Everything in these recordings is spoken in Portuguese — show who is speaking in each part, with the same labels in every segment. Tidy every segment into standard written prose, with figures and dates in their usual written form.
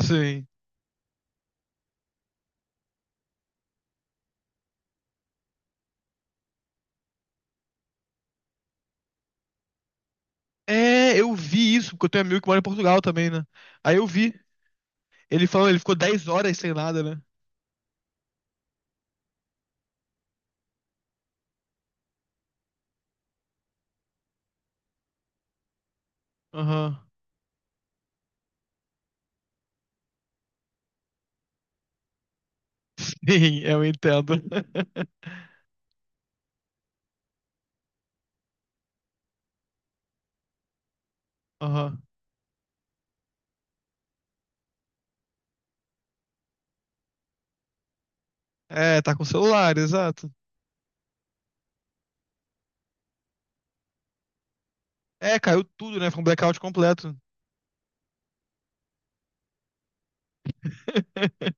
Speaker 1: Sim. É, eu vi isso, porque eu tenho amigo que mora em Portugal também, né? Aí eu vi. Ele falou, ele ficou 10 horas sem nada, né? Aham. Sim, eu entendo. Aham. É, tá com celular, exato. É, caiu tudo, né? Foi um blackout completo.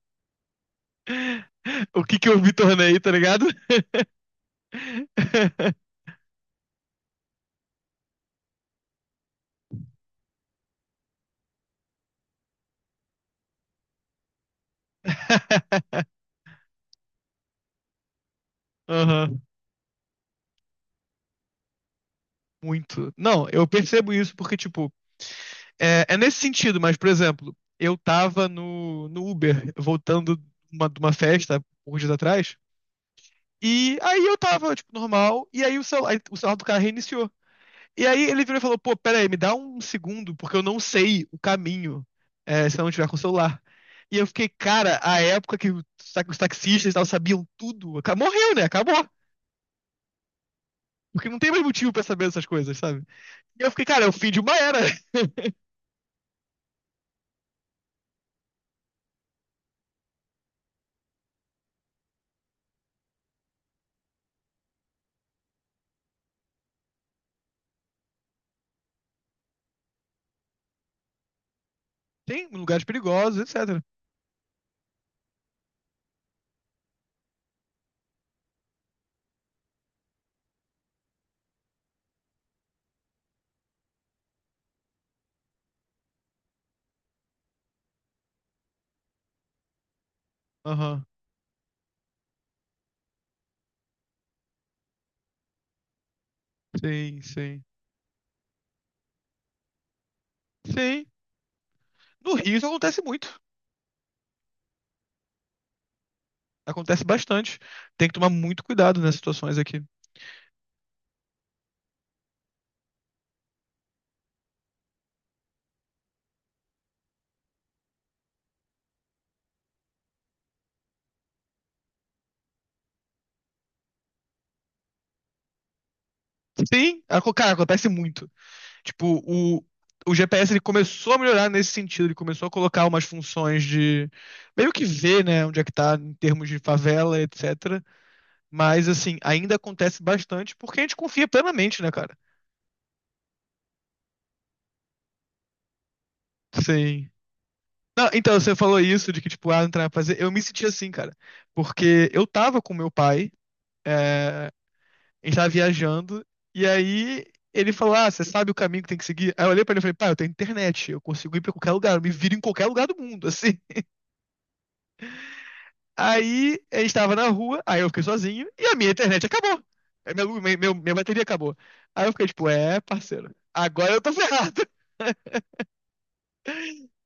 Speaker 1: O que que eu me tornei, tá ligado? Aham. Muito. Não, eu percebo isso porque, tipo, é, é nesse sentido, mas, por exemplo, eu tava no Uber, voltando de uma festa, uns dias atrás, e aí eu tava, tipo, normal, e aí o celular do cara reiniciou. E aí ele virou e falou, pô, pera aí, me dá um segundo, porque eu não sei o caminho, é, se eu não tiver com o celular. E eu fiquei, cara, a época que os os taxistas e tal sabiam tudo, morreu, né? Acabou. Porque não tem mais motivo pra saber essas coisas, sabe? E eu fiquei, cara, é o fim de uma era. Tem lugares perigosos, etc. Aham. Sim, sim. Sim. No Rio isso acontece muito. Acontece bastante. Tem que tomar muito cuidado nessas situações aqui. Sim, cara, acontece muito. Tipo, o GPS ele começou a melhorar nesse sentido. Ele começou a colocar umas funções de meio que ver, né, onde é que tá em termos de favela, etc. Mas, assim, ainda acontece bastante porque a gente confia plenamente, né, cara? Sim. Não, então, você falou isso de que, tipo, ah, não tem nada pra fazer. Eu me senti assim, cara. Porque eu tava com meu pai. eh, A gente tava viajando, e aí ele falou: Ah, você sabe o caminho que tem que seguir? Aí eu olhei pra ele e falei: Pá, eu tenho internet, eu consigo ir pra qualquer lugar, eu me viro em qualquer lugar do mundo, assim. Aí a gente tava na rua, aí eu fiquei sozinho, e a minha internet acabou. A Minha, lu- minha- minha bateria acabou. Aí eu fiquei tipo: É, parceiro, agora eu tô ferrado.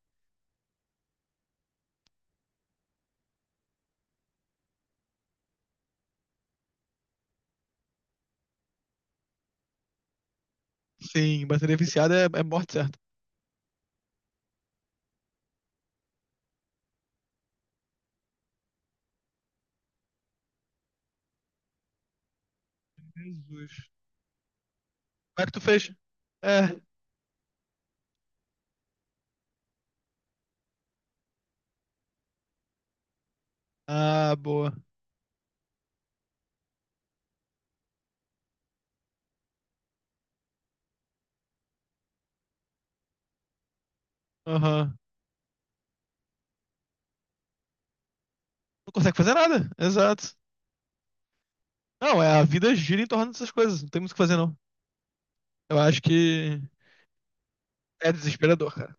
Speaker 1: Sim, bateria viciada é morte certa. Jesus. Como é que tu fez? É. Ah, boa. Aham. Não consegue fazer nada, exato. Não, é, a vida gira em torno dessas coisas, não tem muito o que fazer, não. Eu acho que é desesperador, cara.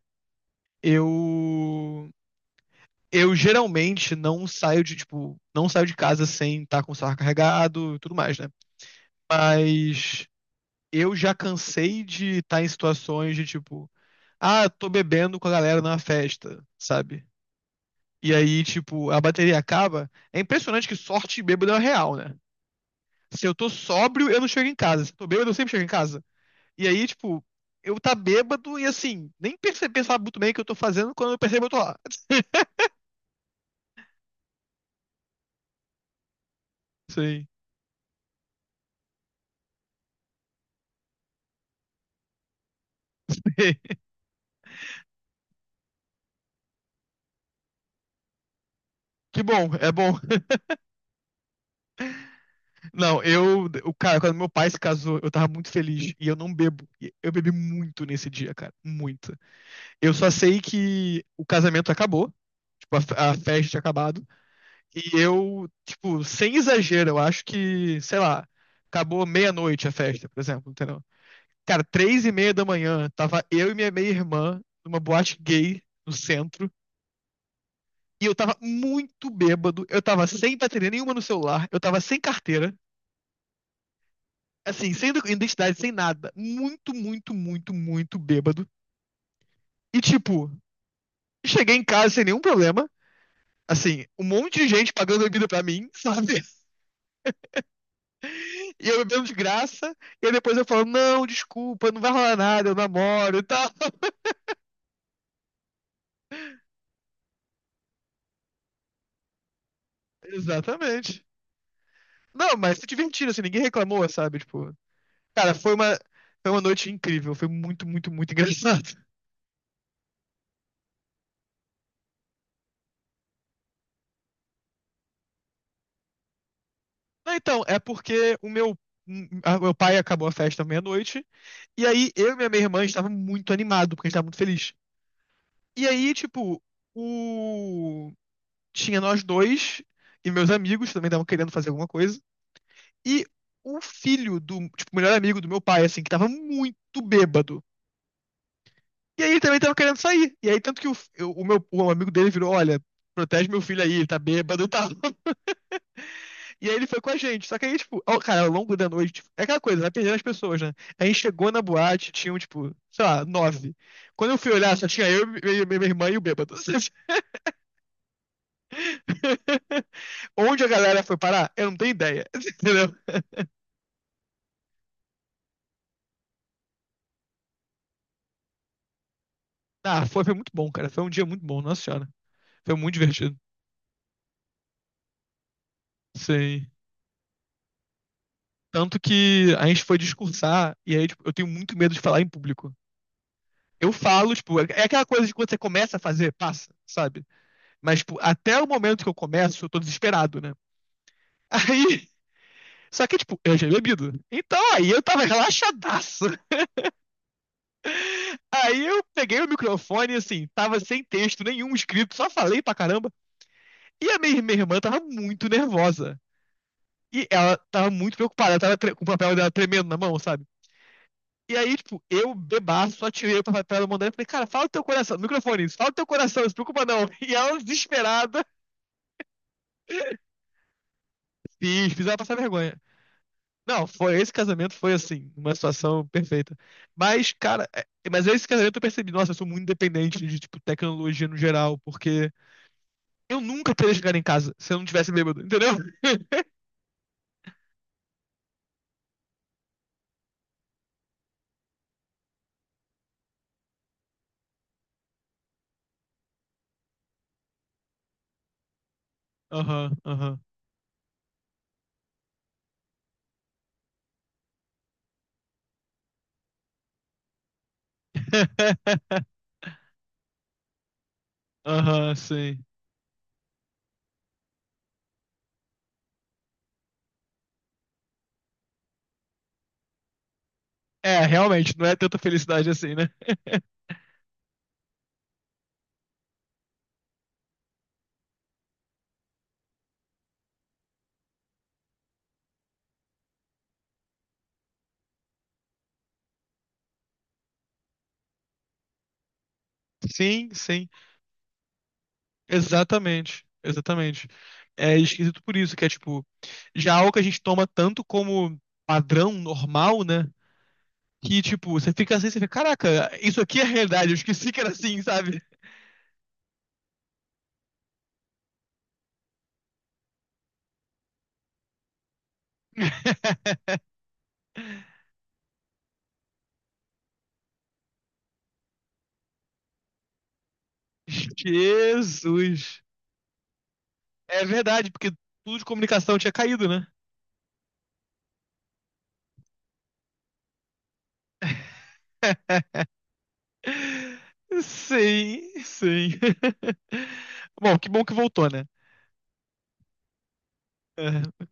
Speaker 1: Eu eu geralmente não saio de, tipo, não saio de casa sem estar com o celular carregado e tudo mais, né? Mas eu já cansei de estar em situações de tipo, ah, tô bebendo com a galera numa festa, sabe? E aí, tipo, a bateria acaba. É impressionante que sorte de bêbado é real, né? Se eu tô sóbrio, eu não chego em casa. Se eu tô bêbado, eu sempre chego em casa. E aí, tipo, eu tá bêbado e assim, nem perceber, sabe muito bem o que eu tô fazendo, quando eu percebo, eu tô lá. Sim. Que bom, é bom. Não, eu, o cara, quando meu pai se casou, eu tava muito feliz e eu não bebo. E eu bebi muito nesse dia, cara, muito. Eu só sei que o casamento acabou, tipo, a festa tinha acabado, e eu, tipo, sem exagero, eu acho que, sei lá, acabou meia-noite a festa, por exemplo, entendeu? Cara, 3:30 da manhã, tava eu e minha meia-irmã numa boate gay no centro, e eu tava muito bêbado, eu tava sem bateria nenhuma no celular, eu tava sem carteira. Assim, sem identidade, sem nada. Muito, muito, muito, muito bêbado. E, tipo, cheguei em casa sem nenhum problema. Assim, um monte de gente pagando bebida pra mim, sabe? E eu bebendo de graça. E aí depois eu falo, não, desculpa, não vai rolar nada, eu namoro e tal. Exatamente. Não, mas se divertiram, assim, ninguém reclamou, sabe? Tipo, cara, foi uma, noite incrível. Foi muito, muito, muito engraçado. Não, então, é porque o meu, pai acabou a festa meia-noite. E aí, eu e minha irmã estava muito animado, porque a gente estava muito feliz. E aí, tipo, o... tinha nós dois e meus amigos que também estavam querendo fazer alguma coisa. E o filho do, tipo, o melhor amigo do meu pai, assim, que estava muito bêbado. E aí ele também estava querendo sair. E aí, tanto que o, eu- o meu o amigo dele virou, olha, protege meu filho aí, ele tá bêbado e tal. E aí ele foi com a gente. Só que aí, tipo, ó, cara, ao longo da noite, tipo, é aquela coisa, vai perdendo as pessoas, né? A gente chegou na boate, tinham, tipo, sei lá, nove. Quando eu fui olhar, só tinha eu, minha irmã e o bêbado. Onde a galera foi parar, eu não tenho ideia. Entendeu? Ah, foi muito bom, cara. Foi um dia muito bom, nossa senhora. Foi muito divertido. Sim. Tanto que a gente foi discursar, e aí, tipo, eu tenho muito medo de falar em público. Eu falo, tipo, é aquela coisa de quando você começa a fazer, passa, sabe? Mas, tipo, até o momento que eu começo, eu tô desesperado, né? Aí. Só que, tipo, eu já tinha bebido. Então aí eu tava relaxadaço. Aí eu peguei o microfone, assim, tava sem texto nenhum escrito, só falei pra caramba. E a minha, irmã tava muito nervosa. E ela tava muito preocupada, ela tava com o papel dela tremendo na mão, sabe? E aí, tipo, eu bebaço, só tirei o papel dela da mão dela e falei, cara, fala o teu coração, no microfone, fala o teu coração, não se preocupa não. E ela, desesperada, fiz ela passar vergonha. Não, foi esse casamento foi assim, uma situação perfeita. Mas, cara, mas esse casamento eu percebi, nossa, eu sou muito dependente de tipo tecnologia no geral, porque eu nunca teria chegado em casa se eu não tivesse bêbado, entendeu? Aham, aham. Aham, sim. É, realmente, não é tanta felicidade assim, né? Sim, sim. Exatamente, exatamente. É esquisito por isso, que é tipo, já algo que a gente toma tanto como padrão normal, né? Que, tipo, você fica assim, você fica, caraca, isso aqui é realidade, eu esqueci que era assim, sabe? Jesus. É verdade, porque tudo de comunicação tinha caído, né? Sim, sim. Bom que voltou, né? É.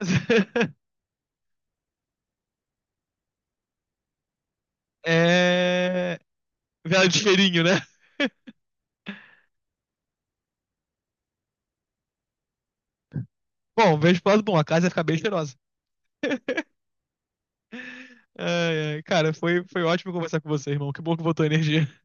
Speaker 1: É. Vela de cheirinho, né? Bom, vejo pro lado bom, a casa ia ficar bem cheirosa. Ai, ai. Cara, foi ótimo conversar com você, irmão. Que bom que voltou a energia.